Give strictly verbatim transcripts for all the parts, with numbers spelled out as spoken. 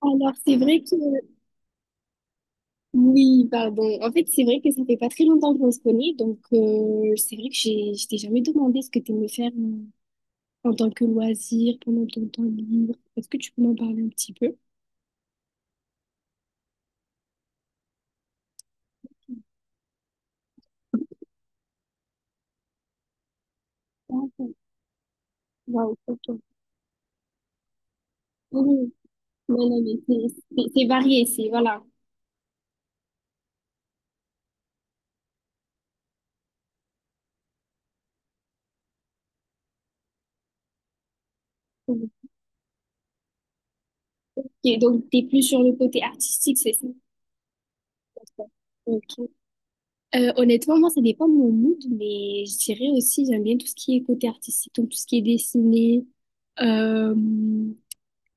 Alors, c'est vrai que, oui, pardon. En fait, c'est vrai que ça fait pas très longtemps qu'on se connaît, donc euh, c'est vrai que j'ai, je t'ai jamais demandé ce que tu aimais faire euh, en tant que loisir, pendant ton temps libre. Est-ce que tu peux m'en parler un petit peu? Ah, ok. Waouh, ok. Oui, non, non, mais c'est c'est- c'est varié, c'est, voilà. Ok, donc, t'es plus sur le côté artistique, c'est ça? Ok. Euh, honnêtement, moi, ça dépend de mon mood, mais je dirais aussi, j'aime bien tout ce qui est côté artistique, donc tout ce qui est dessiné. Euh,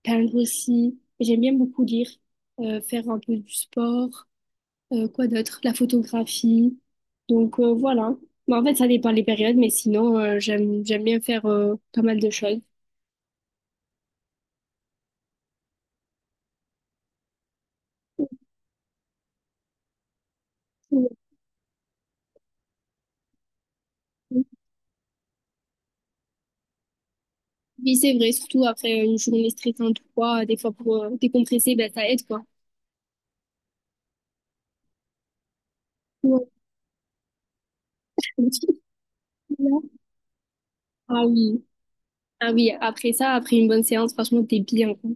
Peindre aussi. J'aime bien beaucoup lire, euh, faire un peu du sport, euh, quoi d'autre, la photographie. Donc euh, voilà. Mais en fait, ça dépend des périodes, mais sinon, euh, j'aime j'aime bien faire euh, pas mal de choses. Oui, c'est vrai, surtout après une journée stressante ou quoi, des fois pour euh, décompresser, ben, ça aide quoi. Ouais. Ah oui, ah oui, après ça, après une bonne séance, franchement, t'es bien quoi.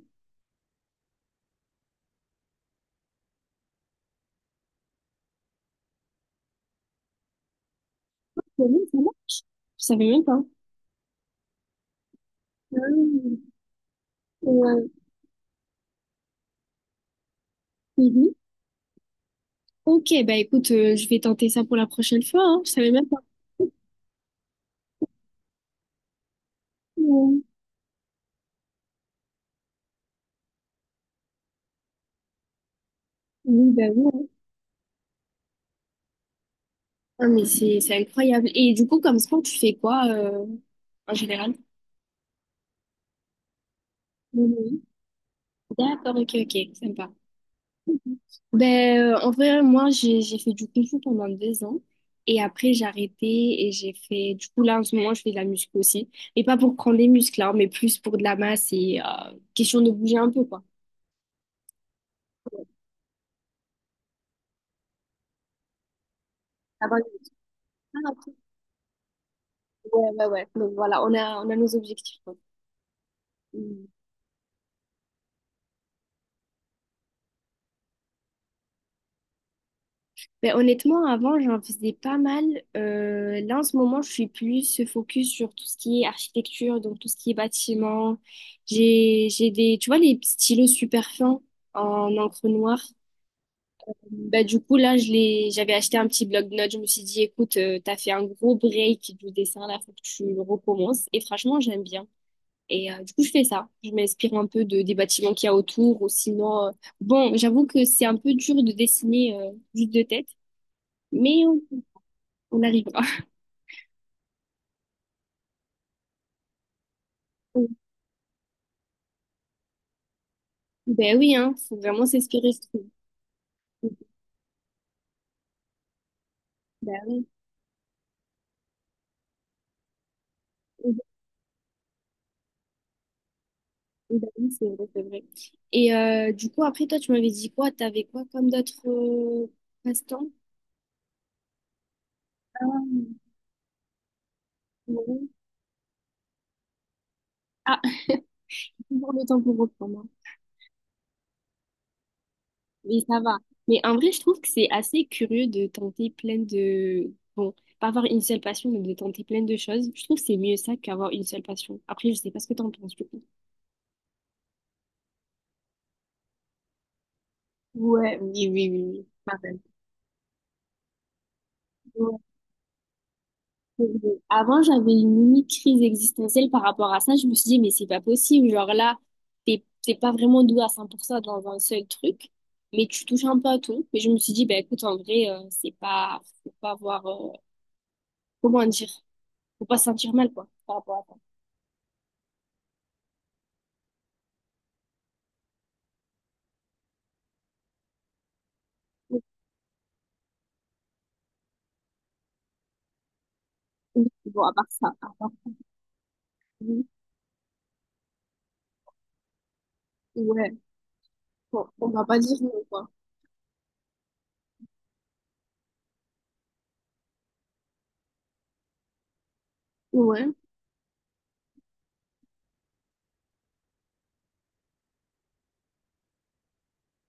Ouais, ça va. Je savais même pas. Ah oui. Ouais. Mhm. Ok, bah écoute, euh, je vais tenter ça pour la prochaine fois. Hein. Je savais même pas. Oui, bah oui. Hein. Ah, mais c'est c'est incroyable. Et du coup, comme sport, tu fais quoi euh, en général? Oui, oui. D'accord, ok, ok, sympa. Ben, euh, en vrai, moi, j'ai j'ai fait du kung fu pendant deux ans. Et après, j'ai arrêté et j'ai fait... Du coup, là, en ce moment, je fais de la muscu aussi. Mais pas pour prendre des muscles, hein, mais plus pour de la masse et euh, question de bouger un peu, quoi. Avoir une- Ah, ok. Ouais, ouais, ouais. Donc voilà, on a, on a nos objectifs, quoi. Ben, honnêtement, avant, j'en faisais pas mal. Euh, là, en ce moment, je suis plus focus sur tout ce qui est architecture, donc tout ce qui est bâtiment. J'ai, j'ai des, tu vois, les stylos super fins en encre noire. Bah du coup, là, je les, j'avais acheté un petit bloc-notes. Je me suis dit, écoute, euh, t'as fait un gros break du dessin, là, faut que tu le recommences. Et franchement, j'aime bien. Et euh, du coup, je fais ça. Je m'inspire un peu de, des bâtiments qu'il y a autour, ou sinon, euh, bon, j'avoue que c'est un peu dur de dessiner euh, juste de tête. Mais euh, on arrivera. Ben oui, hein, faut vraiment s'inspirer, je trouve. Ben oui, ben oui, c'est vrai, c'est vrai. Et euh, du coup, après, toi, tu m'avais dit quoi? T'avais quoi comme d'autres euh, passe-temps? Ah, ouais. Ah, toujours le temps pour reprendre. Hein. Mais ça va. Mais en vrai, je trouve que c'est assez curieux de tenter plein de... Bon, pas avoir une seule passion, mais de tenter plein de choses. Je trouve que c'est mieux ça qu'avoir une seule passion. Après, je sais pas ce que t'en penses, du coup. Ouais, oui, oui, oui. Oui. Pareil. Et avant, j'avais une limite crise existentielle par rapport à ça. Je me suis dit, mais c'est pas possible. Genre là, t'es t'es pas vraiment doué à cent pour cent dans un seul truc, mais tu touches un peu à tout. Mais je me suis dit, bah écoute, en vrai, euh, c'est pas, faut pas avoir, euh, comment dire, faut pas se sentir mal, quoi, par rapport à ça. Bon, à part ça, à part ouais, bon, on va pas dire non, quoi. Ouais.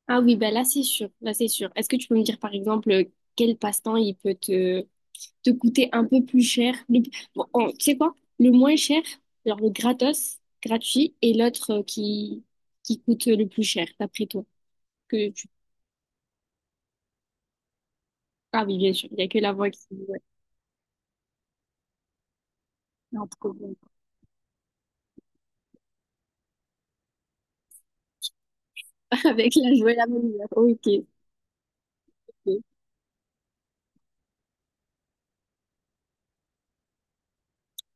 Ah oui, bah là, c'est sûr. Là, c'est sûr. Est-ce que tu peux me dire, par exemple, quel passe-temps il peut te te coûter un peu plus cher. Le- bon, en- tu sais quoi? Le moins cher, genre le gratos, gratuit, et l'autre euh, qui, qui coûte le plus cher, d'après toi. Que tu... Ah oui, bien sûr, il n'y a que la voix qui... Ouais, non, trop bon. Avec la jouée, la même humeur. Ok. Ok.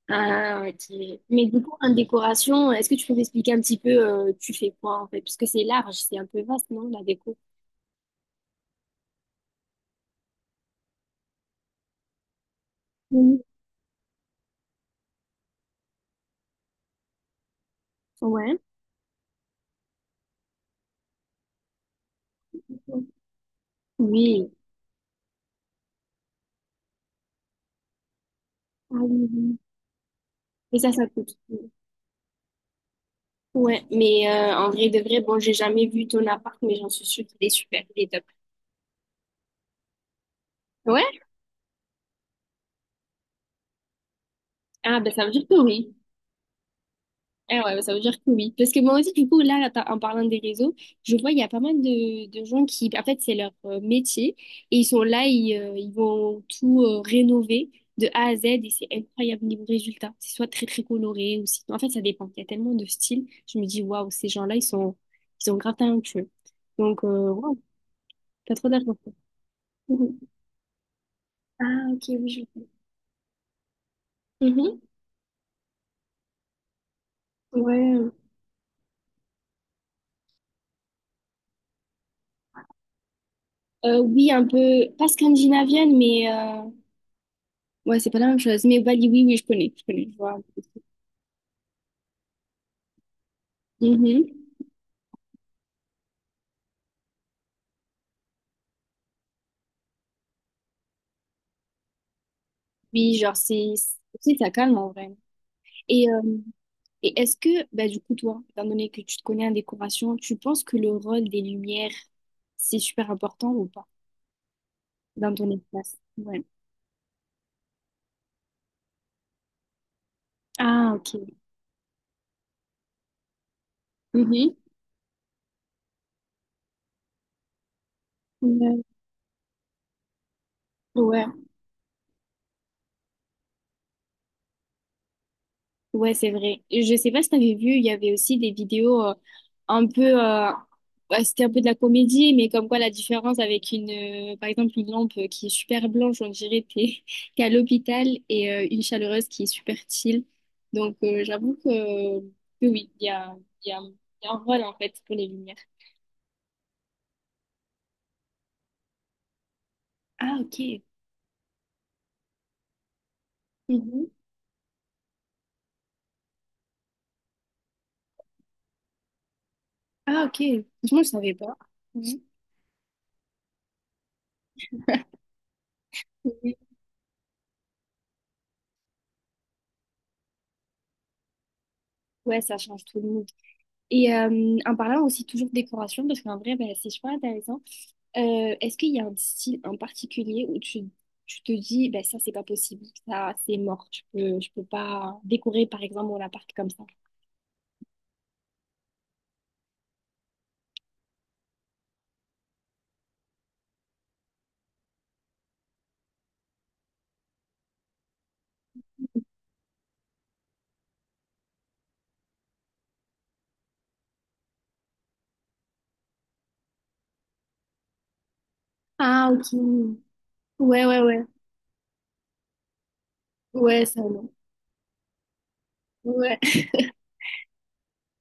Ah, ok. Mais du coup, en décoration, est-ce que tu peux m'expliquer un petit peu, euh, tu fais quoi en fait? Parce que c'est large, c'est un peu vaste, non, la déco? Oui. Ouais. Oui. Ah oui, oui. Et ça, ça coûte. Oui. Ouais, mais euh, en vrai de vrai, bon, j'ai jamais vu ton appart, mais j'en suis sûre qu'il est super, il est top. Ouais? Ah, ben ça veut dire que oui. Ah ouais, ben, ça veut dire que oui. Parce que moi aussi, du coup, là, là, t'as- en parlant des réseaux, je vois, il y a pas mal de, de gens qui, en fait, c'est leur euh, métier, et ils sont là, ils, euh, ils vont tout euh, rénover de A à Z, et c'est incroyable niveau résultat. C'est soit très, très coloré, ou sinon, en fait, ça dépend. Il y a tellement de styles, je me dis, waouh, ces gens-là, ils sont, ils sont grave talentueux. Donc, euh, waouh, t'as trop d'argent. Mhm. Ah, ok, oui, je Mhm. Ouais. Euh, oui, un peu, pas scandinavienne, mais euh, ouais, c'est pas la même chose. Mais Bali, oui, oui, je connais, je connais, je vois. Un peu. Mhm. Oui, genre, c'est, c'est ça calme en vrai. Et, euh, et est-ce que, bah, du coup, toi, étant donné que tu te connais en décoration, tu penses que le rôle des lumières, c'est super important ou pas dans ton espace? Ouais. Ah, ok. Mhm. Ouais. Ouais. Ouais, c'est vrai. Et je sais pas si t'avais vu, il y avait aussi des vidéos euh, un peu, euh, bah, c'était un peu de la comédie, mais comme quoi la différence avec une, euh, par exemple, une lampe qui est super blanche, on dirait t'es t'es à l'hôpital, et euh, une chaleureuse qui est super chill. Donc euh, j'avoue que, que oui, il y a, il y a, un- il y a un rôle en fait pour les lumières. Ah, ok. Mhm. Ah, ok. Franchement, je savais pas. Mhm. Oui. Ouais, ça change tout le monde. Et euh, en parlant aussi toujours de décoration, parce qu'en vrai, bah, c'est super intéressant. Euh, est-ce qu'il y a un style en particulier où tu, tu te dis, bah, ça, c'est pas possible, ça, c'est mort, je peux, je peux pas décorer, par exemple, mon appart comme ça? Ah, ok. Ouais, ouais, ouais. Ouais, ça, non. Ouais,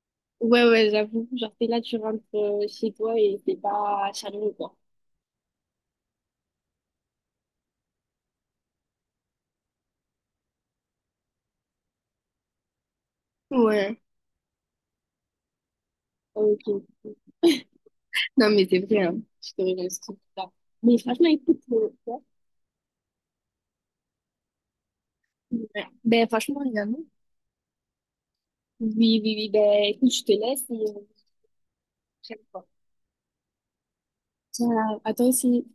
ouais, ouais, j'avoue. Genre, t'es là, tu rentres euh, chez toi et t'es pas chaleureux, quoi. Ouais. Ok. Non, mais c'est vrai, hein. Je te rejoins sur ça. Mais franchement, écoute, euh, ouais. Ouais. Ben, franchement, également. Oui, oui, oui, ben, écoute, je te laisse et euh, prochaine fois. Ciao. À toi aussi.